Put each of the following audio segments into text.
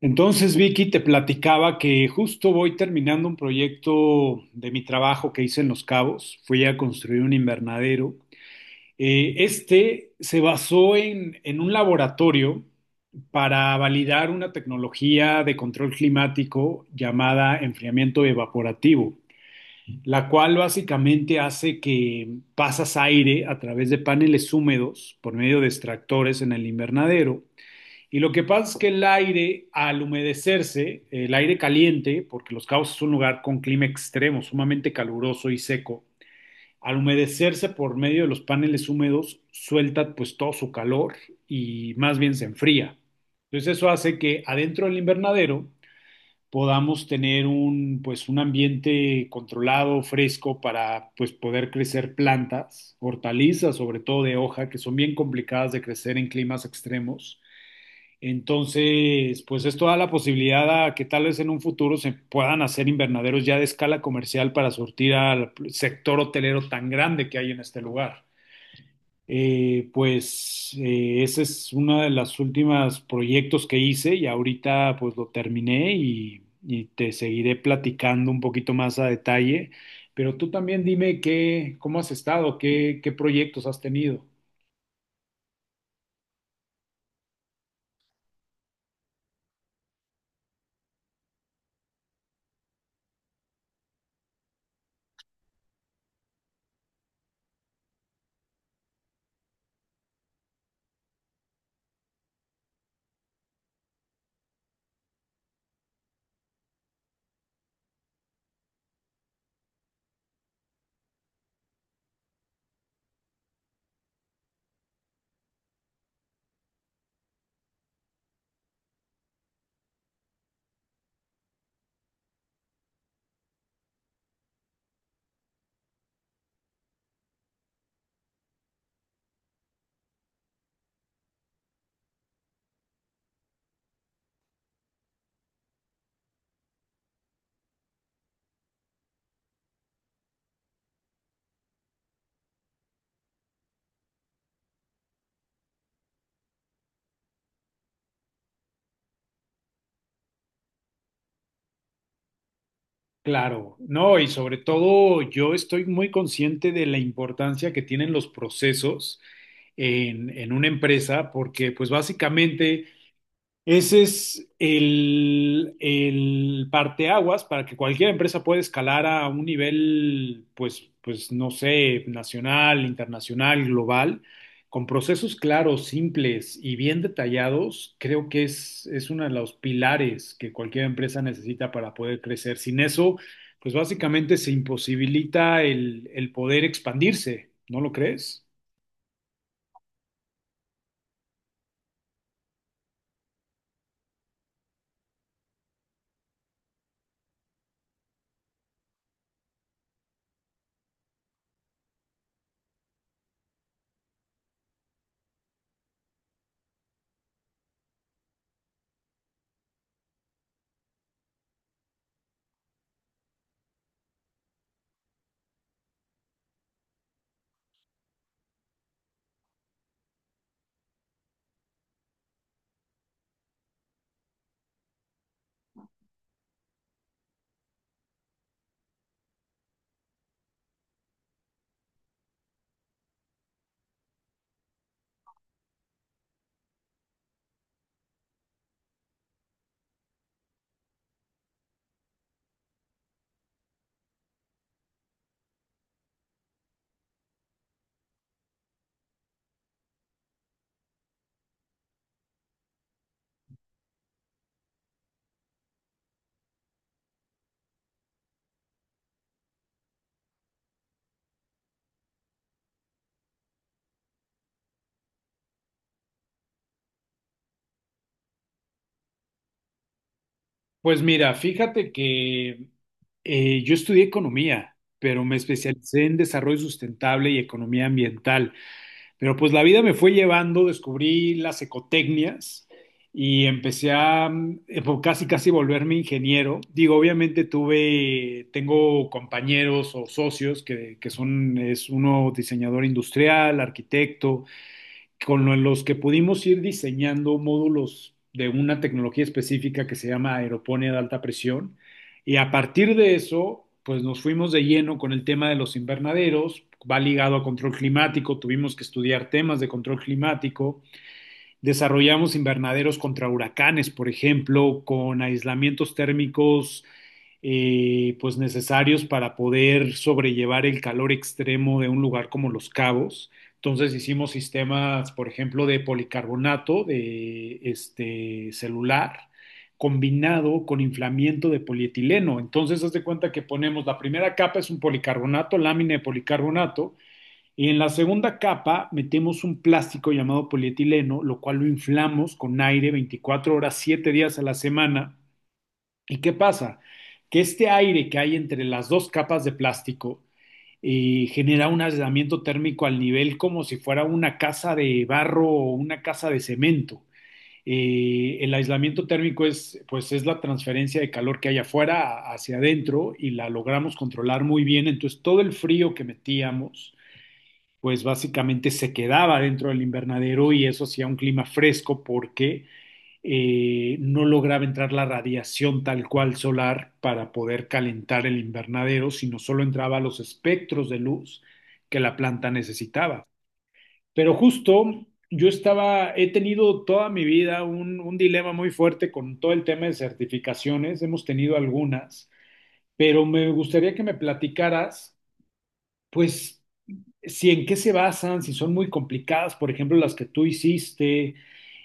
Entonces, Vicky, te platicaba que justo voy terminando un proyecto de mi trabajo que hice en Los Cabos. Fui a construir un invernadero. Este se basó en un laboratorio para validar una tecnología de control climático llamada enfriamiento evaporativo, la cual básicamente hace que pasas aire a través de paneles húmedos por medio de extractores en el invernadero. Y lo que pasa es que el aire, al humedecerse, el aire caliente, porque Los Cabos es un lugar con clima extremo, sumamente caluroso y seco, al humedecerse por medio de los paneles húmedos, suelta pues todo su calor y más bien se enfría. Entonces eso hace que adentro del invernadero podamos tener un, pues, un ambiente controlado, fresco, para, pues, poder crecer plantas, hortalizas, sobre todo de hoja, que son bien complicadas de crecer en climas extremos. Entonces, pues esto da la posibilidad a que tal vez en un futuro se puedan hacer invernaderos ya de escala comercial para surtir al sector hotelero tan grande que hay en este lugar. Pues ese es uno de los últimos proyectos que hice y ahorita pues lo terminé y te seguiré platicando un poquito más a detalle. Pero tú también dime cómo has estado, qué proyectos has tenido. Claro, no, y sobre todo yo estoy muy consciente de la importancia que tienen los procesos en una empresa, porque pues básicamente ese es el parteaguas para que cualquier empresa pueda escalar a un nivel, pues, pues no sé, nacional, internacional, global, con procesos claros, simples y bien detallados. Creo que es uno de los pilares que cualquier empresa necesita para poder crecer. Sin eso, pues básicamente se imposibilita el poder expandirse, ¿no lo crees? Pues mira, fíjate que yo estudié economía, pero me especialicé en desarrollo sustentable y economía ambiental. Pero pues la vida me fue llevando, descubrí las ecotecnias y empecé a casi casi volverme ingeniero. Digo, obviamente tuve, tengo compañeros o socios que son, es uno diseñador industrial, arquitecto, con los que pudimos ir diseñando módulos de una tecnología específica que se llama aeroponía de alta presión. Y a partir de eso, pues nos fuimos de lleno con el tema de los invernaderos, va ligado a control climático, tuvimos que estudiar temas de control climático, desarrollamos invernaderos contra huracanes, por ejemplo, con aislamientos térmicos pues necesarios para poder sobrellevar el calor extremo de un lugar como Los Cabos. Entonces hicimos sistemas, por ejemplo, de policarbonato de este celular combinado con inflamiento de polietileno. Entonces, haz de cuenta que ponemos la primera capa es un policarbonato, lámina de policarbonato, y en la segunda capa metemos un plástico llamado polietileno, lo cual lo inflamos con aire 24 horas, 7 días a la semana. ¿Y qué pasa? Que este aire que hay entre las dos capas de plástico genera un aislamiento térmico al nivel como si fuera una casa de barro o una casa de cemento. El aislamiento térmico es, pues, es la transferencia de calor que hay afuera hacia adentro y la logramos controlar muy bien. Entonces, todo el frío que metíamos, pues básicamente se quedaba dentro del invernadero y eso hacía un clima fresco porque no lograba entrar la radiación tal cual solar para poder calentar el invernadero, sino solo entraba los espectros de luz que la planta necesitaba. Pero justo yo estaba, he tenido toda mi vida un dilema muy fuerte con todo el tema de certificaciones, hemos tenido algunas, pero me gustaría que me platicaras, pues, si en qué se basan, si son muy complicadas, por ejemplo, las que tú hiciste,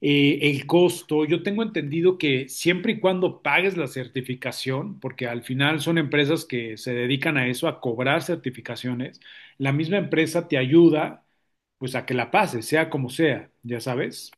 el costo. Yo tengo entendido que siempre y cuando pagues la certificación, porque al final son empresas que se dedican a eso, a cobrar certificaciones, la misma empresa te ayuda pues a que la pases, sea como sea, ya sabes.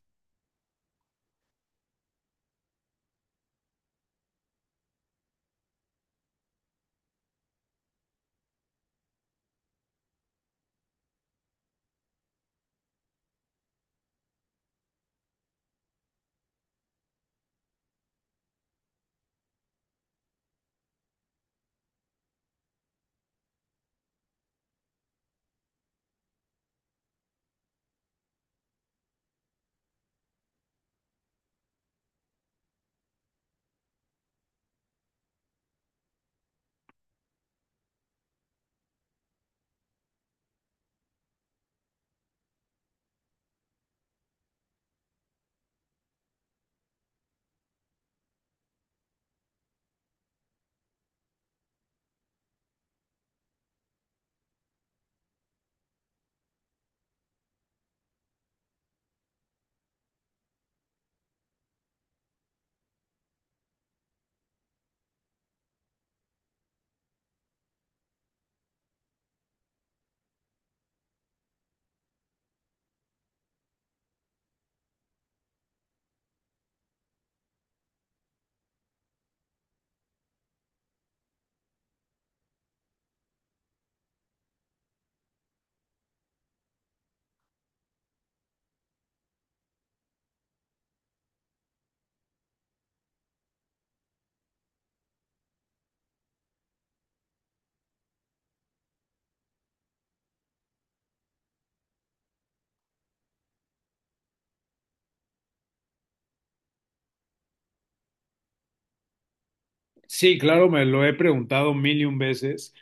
Sí, claro, me lo he preguntado mil y un veces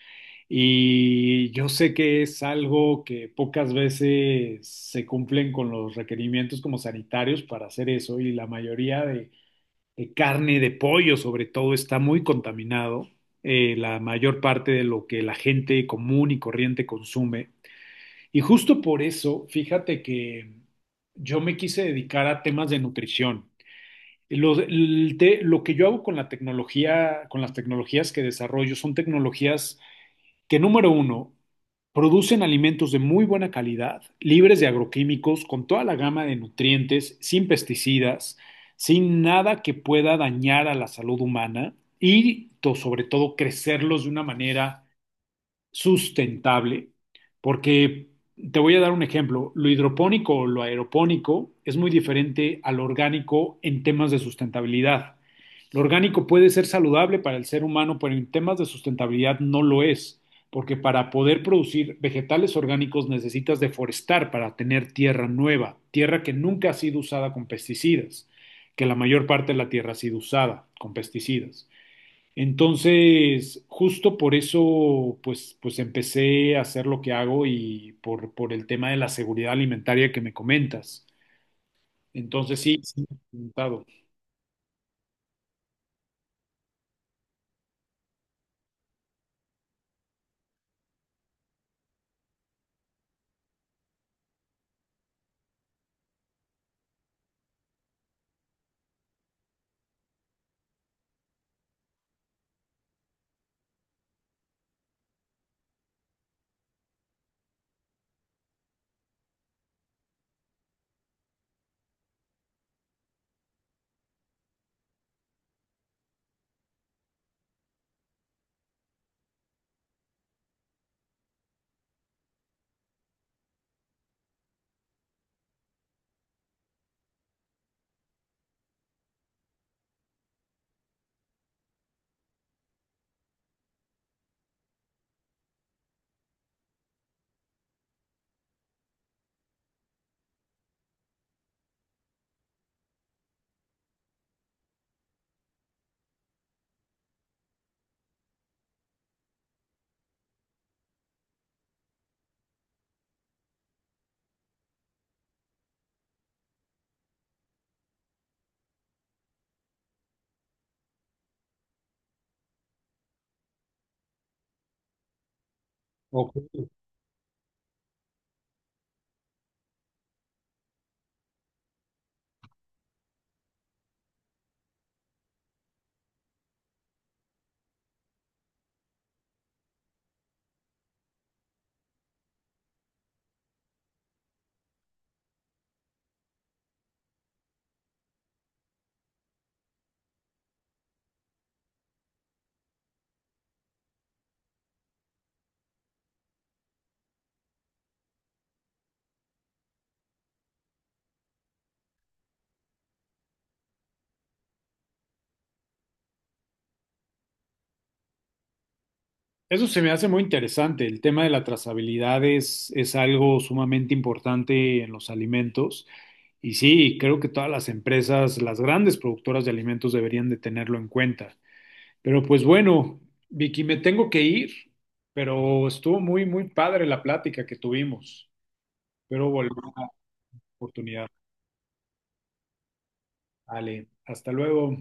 y yo sé que es algo que pocas veces se cumplen con los requerimientos como sanitarios para hacer eso y la mayoría de carne, de pollo sobre todo, está muy contaminado, la mayor parte de lo que la gente común y corriente consume. Y justo por eso, fíjate que yo me quise dedicar a temas de nutrición lo que yo hago con la tecnología, con las tecnologías que desarrollo, son tecnologías que, número 1, producen alimentos de muy buena calidad, libres de agroquímicos, con toda la gama de nutrientes, sin pesticidas, sin nada que pueda dañar a la salud humana y, sobre todo, crecerlos de una manera sustentable, porque te voy a dar un ejemplo. Lo hidropónico o lo aeropónico es muy diferente al orgánico en temas de sustentabilidad. Lo orgánico puede ser saludable para el ser humano, pero en temas de sustentabilidad no lo es, porque para poder producir vegetales orgánicos necesitas deforestar para tener tierra nueva, tierra que nunca ha sido usada con pesticidas, que la mayor parte de la tierra ha sido usada con pesticidas. Entonces, justo por eso, pues, pues empecé a hacer lo que hago y por el tema de la seguridad alimentaria que me comentas. Entonces, sí, sí, me he preguntado. Ok. Eso se me hace muy interesante. El tema de la trazabilidad es algo sumamente importante en los alimentos. Y sí, creo que todas las empresas, las grandes productoras de alimentos deberían de tenerlo en cuenta. Pero pues bueno, Vicky, me tengo que ir, pero estuvo muy, muy padre la plática que tuvimos. Espero volver a la oportunidad. Vale, hasta luego.